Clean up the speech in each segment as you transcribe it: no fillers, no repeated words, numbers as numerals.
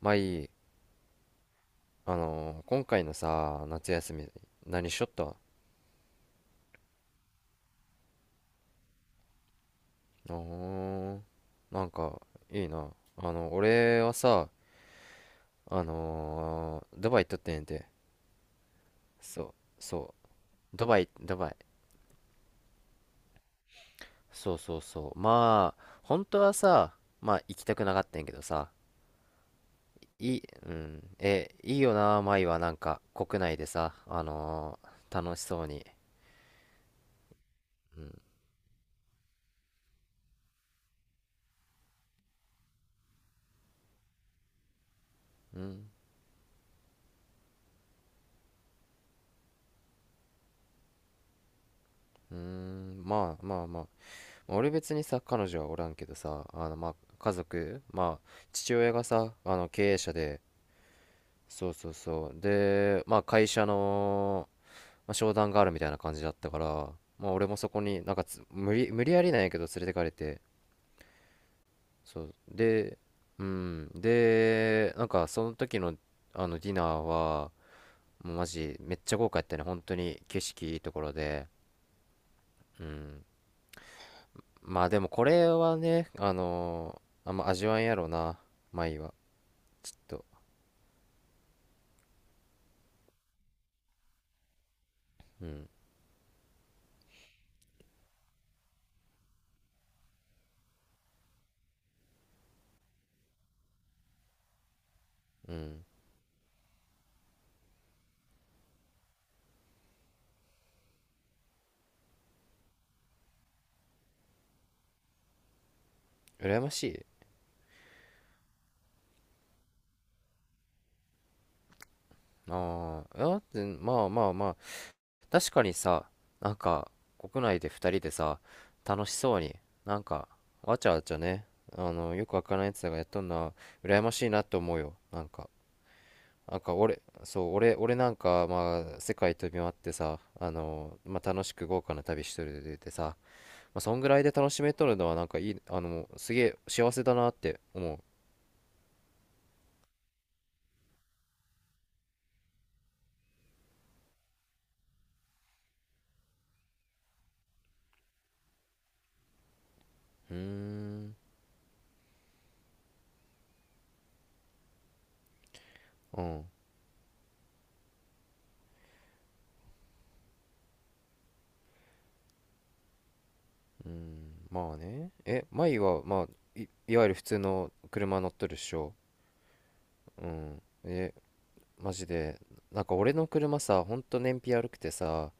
まあいい。今回のさ、夏休み、何しよったーなんか、いいな。俺はさ、ドバイ行っとってんやて。そう、そう。ドバイ、ドバイ。そうそうそう。まあ、本当はさ、まあ行きたくなかったんやけどさ、うん、いいよな、舞はなんか、国内でさ、楽しそうに。うん、うん、うーん、まあまあまあ。俺別にさ彼女はおらんけどさ、まあ家族、まあ父親がさ、経営者で、そうそうそう。で、まあ会社の、まあ、商談があるみたいな感じだったから、まあ俺もそこになんかつ無理、無理やりなんやけど連れてかれて、そうで、うん、で、なんかその時のディナーはもうマジめっちゃ豪華やったね。本当に景色いいところで。まあでもこれはね、あんま味わえんやろうな、舞は、と。うんうん。羨ましい。ああ、だってまあまあまあ、確かにさ、なんか国内で2人でさ、楽しそうに、なんかわちゃわちゃね、よくわからないやつらがやっとんな。羨ましいなと思うよ、なんか。なんか俺、そう、俺なんか、まあ世界飛び回ってさ、まあ楽しく豪華な旅しとるでさ、まあそんぐらいで楽しめとるのはなんかいい、すげえ幸せだなって思う。うーん。うん。まあね。マイは、まあ、いわゆる普通の車乗っとるっしょ。うん。マジで。なんか俺の車さ、ほんと燃費悪くてさ、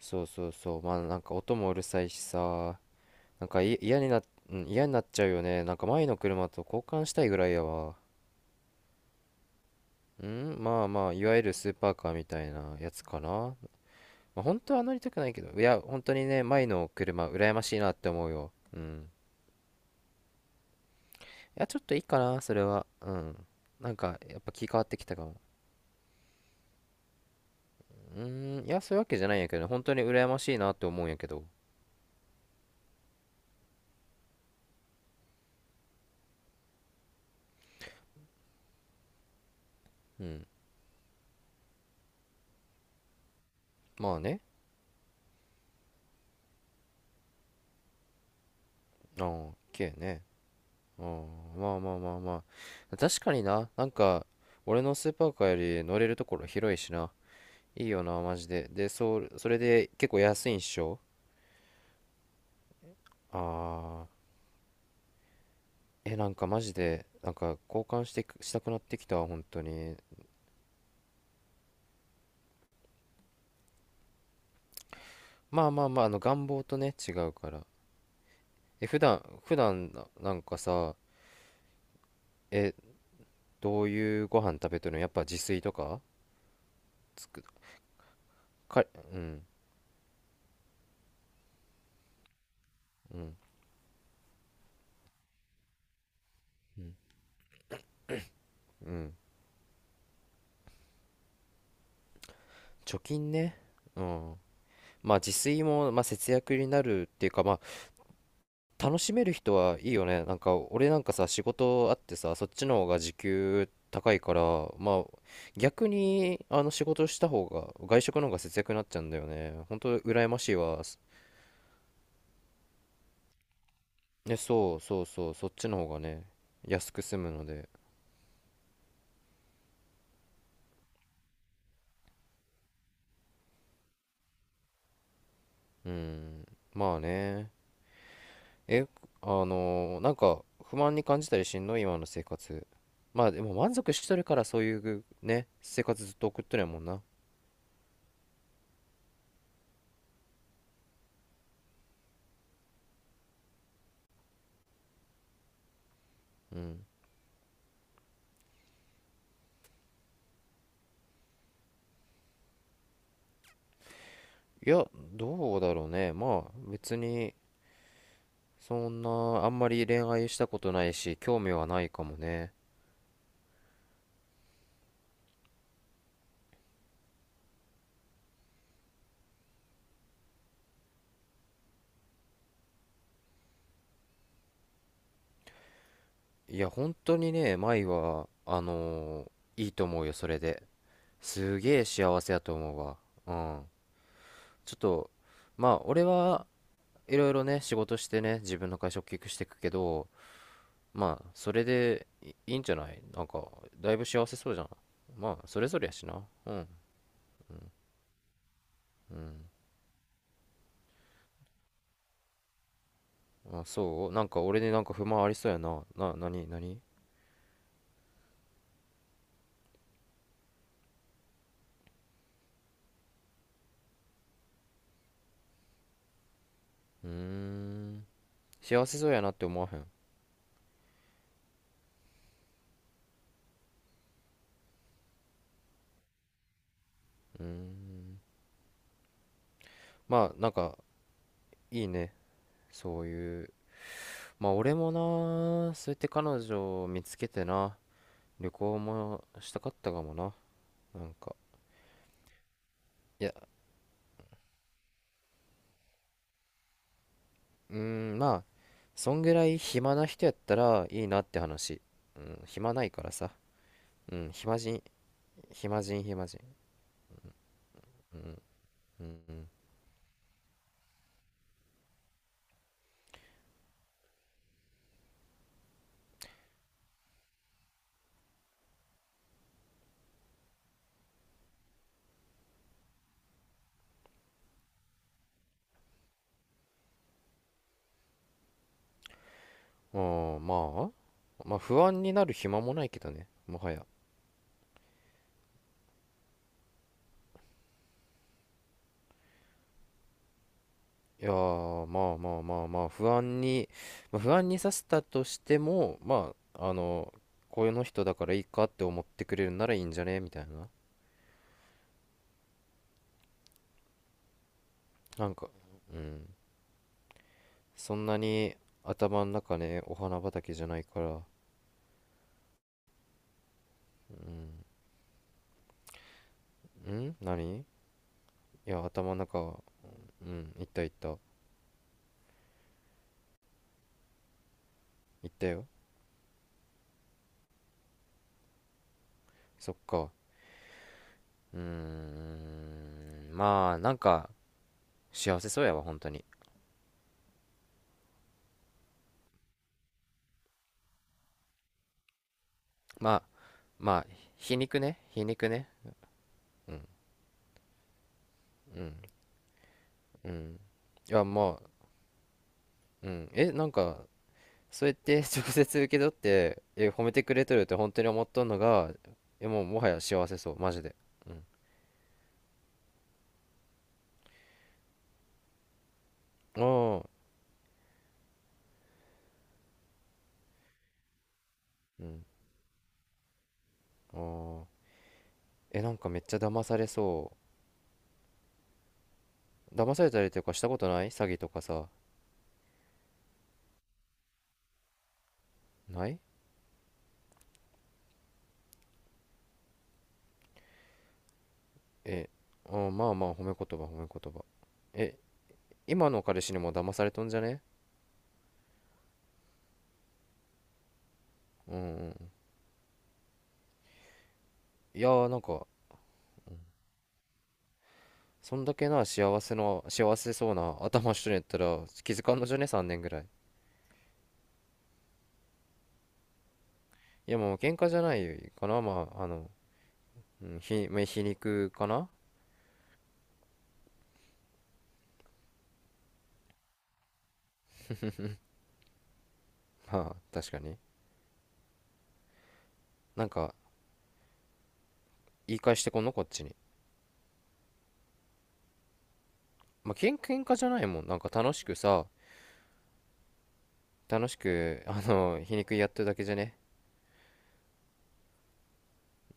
そうそうそう。まあなんか音もうるさいしさ、なんか嫌にな、うん、嫌になっちゃうよね。なんか前の車と交換したいぐらいやわ。うん、まあまあ、いわゆるスーパーカーみたいなやつかな。まあ、本当は乗りたくないけど、いや、本当にね、前の車、羨ましいなって思うよ。うん。や、ちょっといいかな、それは。うん。なんか、やっぱ気変わってきたかも。うーん、いや、そういうわけじゃないんやけどね、本当に羨ましいなって思うんやけど。うん。まあね。ああ、綺麗ね。ああ、まあまあまあまあ。確かにな、なんか、俺のスーパーカーより乗れるところ広いしな。いいよな、マジで。で、そう、それで結構安いんっしょ？ああ、なんかマジで、なんか交換したくなってきたわ、本当に。まあまあまあ、願望とね、違うから。普段な、なんかさ、え、どういうご飯食べてるの？やっぱ自炊とかか、うん、うん、うん、うん。貯金ね。うん。まあ自炊も、まあ、節約になるっていうか、まあ楽しめる人はいいよね。なんか俺なんかさ、仕事あってさ、そっちの方が時給高いから、まあ逆に仕事した方が、外食の方が節約になっちゃうんだよね。本当羨ましいわ。ね、そうそうそう、そっちの方がね、安く済むので。うん、まあね。えなんか不満に感じたりしんの？今の生活。まあでも満足しとるから、そういうね生活ずっと送ってるやもんな。うん。いや、どうだろうね、まあ別に、そんな、あんまり恋愛したことないし、興味はないかもね。いや本当にね、舞はいいと思うよそれで。すげえ幸せやと思うわ。うん。ちょっと。まあ俺は、いろいろね、仕事してね、自分の会社を大きくしていくけど、まあ、それでいいいんじゃない、なんか、だいぶ幸せそうじゃん。まあ、それぞれやしな。うん。まあ、そう、なんか俺になんか不満ありそうやな。なに、なに？うーん。幸せそうやなって思わへん。まあ、なんか、いいね。そういう。まあ、俺もな、そうやって彼女を見つけてな、旅行もしたかったかもな。なんか。いや、うーん、まあ、そんぐらい暇な人やったらいいなって話。うん、暇ないからさ。うん、暇人、暇人、暇人。うん、うん。あー、まあ、まあ、不安になる暇もないけどね、もはや。いやー、まあまあまあまあ、不安に、まあ、不安にさせたとしても、まあ、こうういうの人だからいいかって思ってくれるならいいんじゃねみたいな。なんか、うん。そんなに頭の中ね、お花畑じゃないから。うん。ん？何？いや、頭の中、うん、いったいった。いったよ。そっか。うん、まあ、なんか、幸せそうやわ、本当に。まあ、まあ、皮肉ね、皮肉ね。うん、うん。いや、まあ、うん。なんか、そうやって 直接受け取って、褒めてくれとるって本当に思っとんのが、もう、もはや幸せそう、マジで。うん。ああ、うん。ああ。なんかめっちゃ騙されそう。騙されたりとかしたことない？詐欺とかさ。ない？え、まあまあ、褒め言葉、褒め言葉。え、今の彼氏にも騙されとんじゃね？うんうん。いやー、なんか、そんだけな幸せそうな頭しとんやったら気づかんのじゃね？ 3 年ぐらい。いやもう喧嘩じゃないかな。まあ、うん、まあ皮肉かな。まあ、確かに。なんか、言い返してこんのこっちに。まあ、喧嘩じゃないもん。なんか楽しくさ、楽しく、皮肉やってるだけじゃね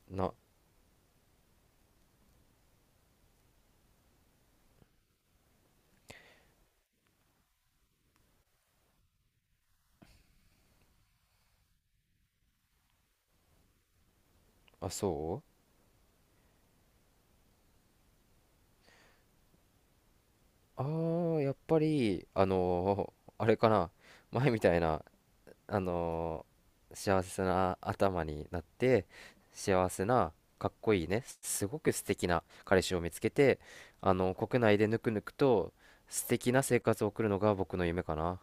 な、あ、そう、ああ、やっぱり、あれかな、前みたいな、あのー幸せな頭になって、幸せな、かっこいいね、すごく素敵な彼氏を見つけて、国内でぬくぬくと素敵な生活を送るのが僕の夢かな。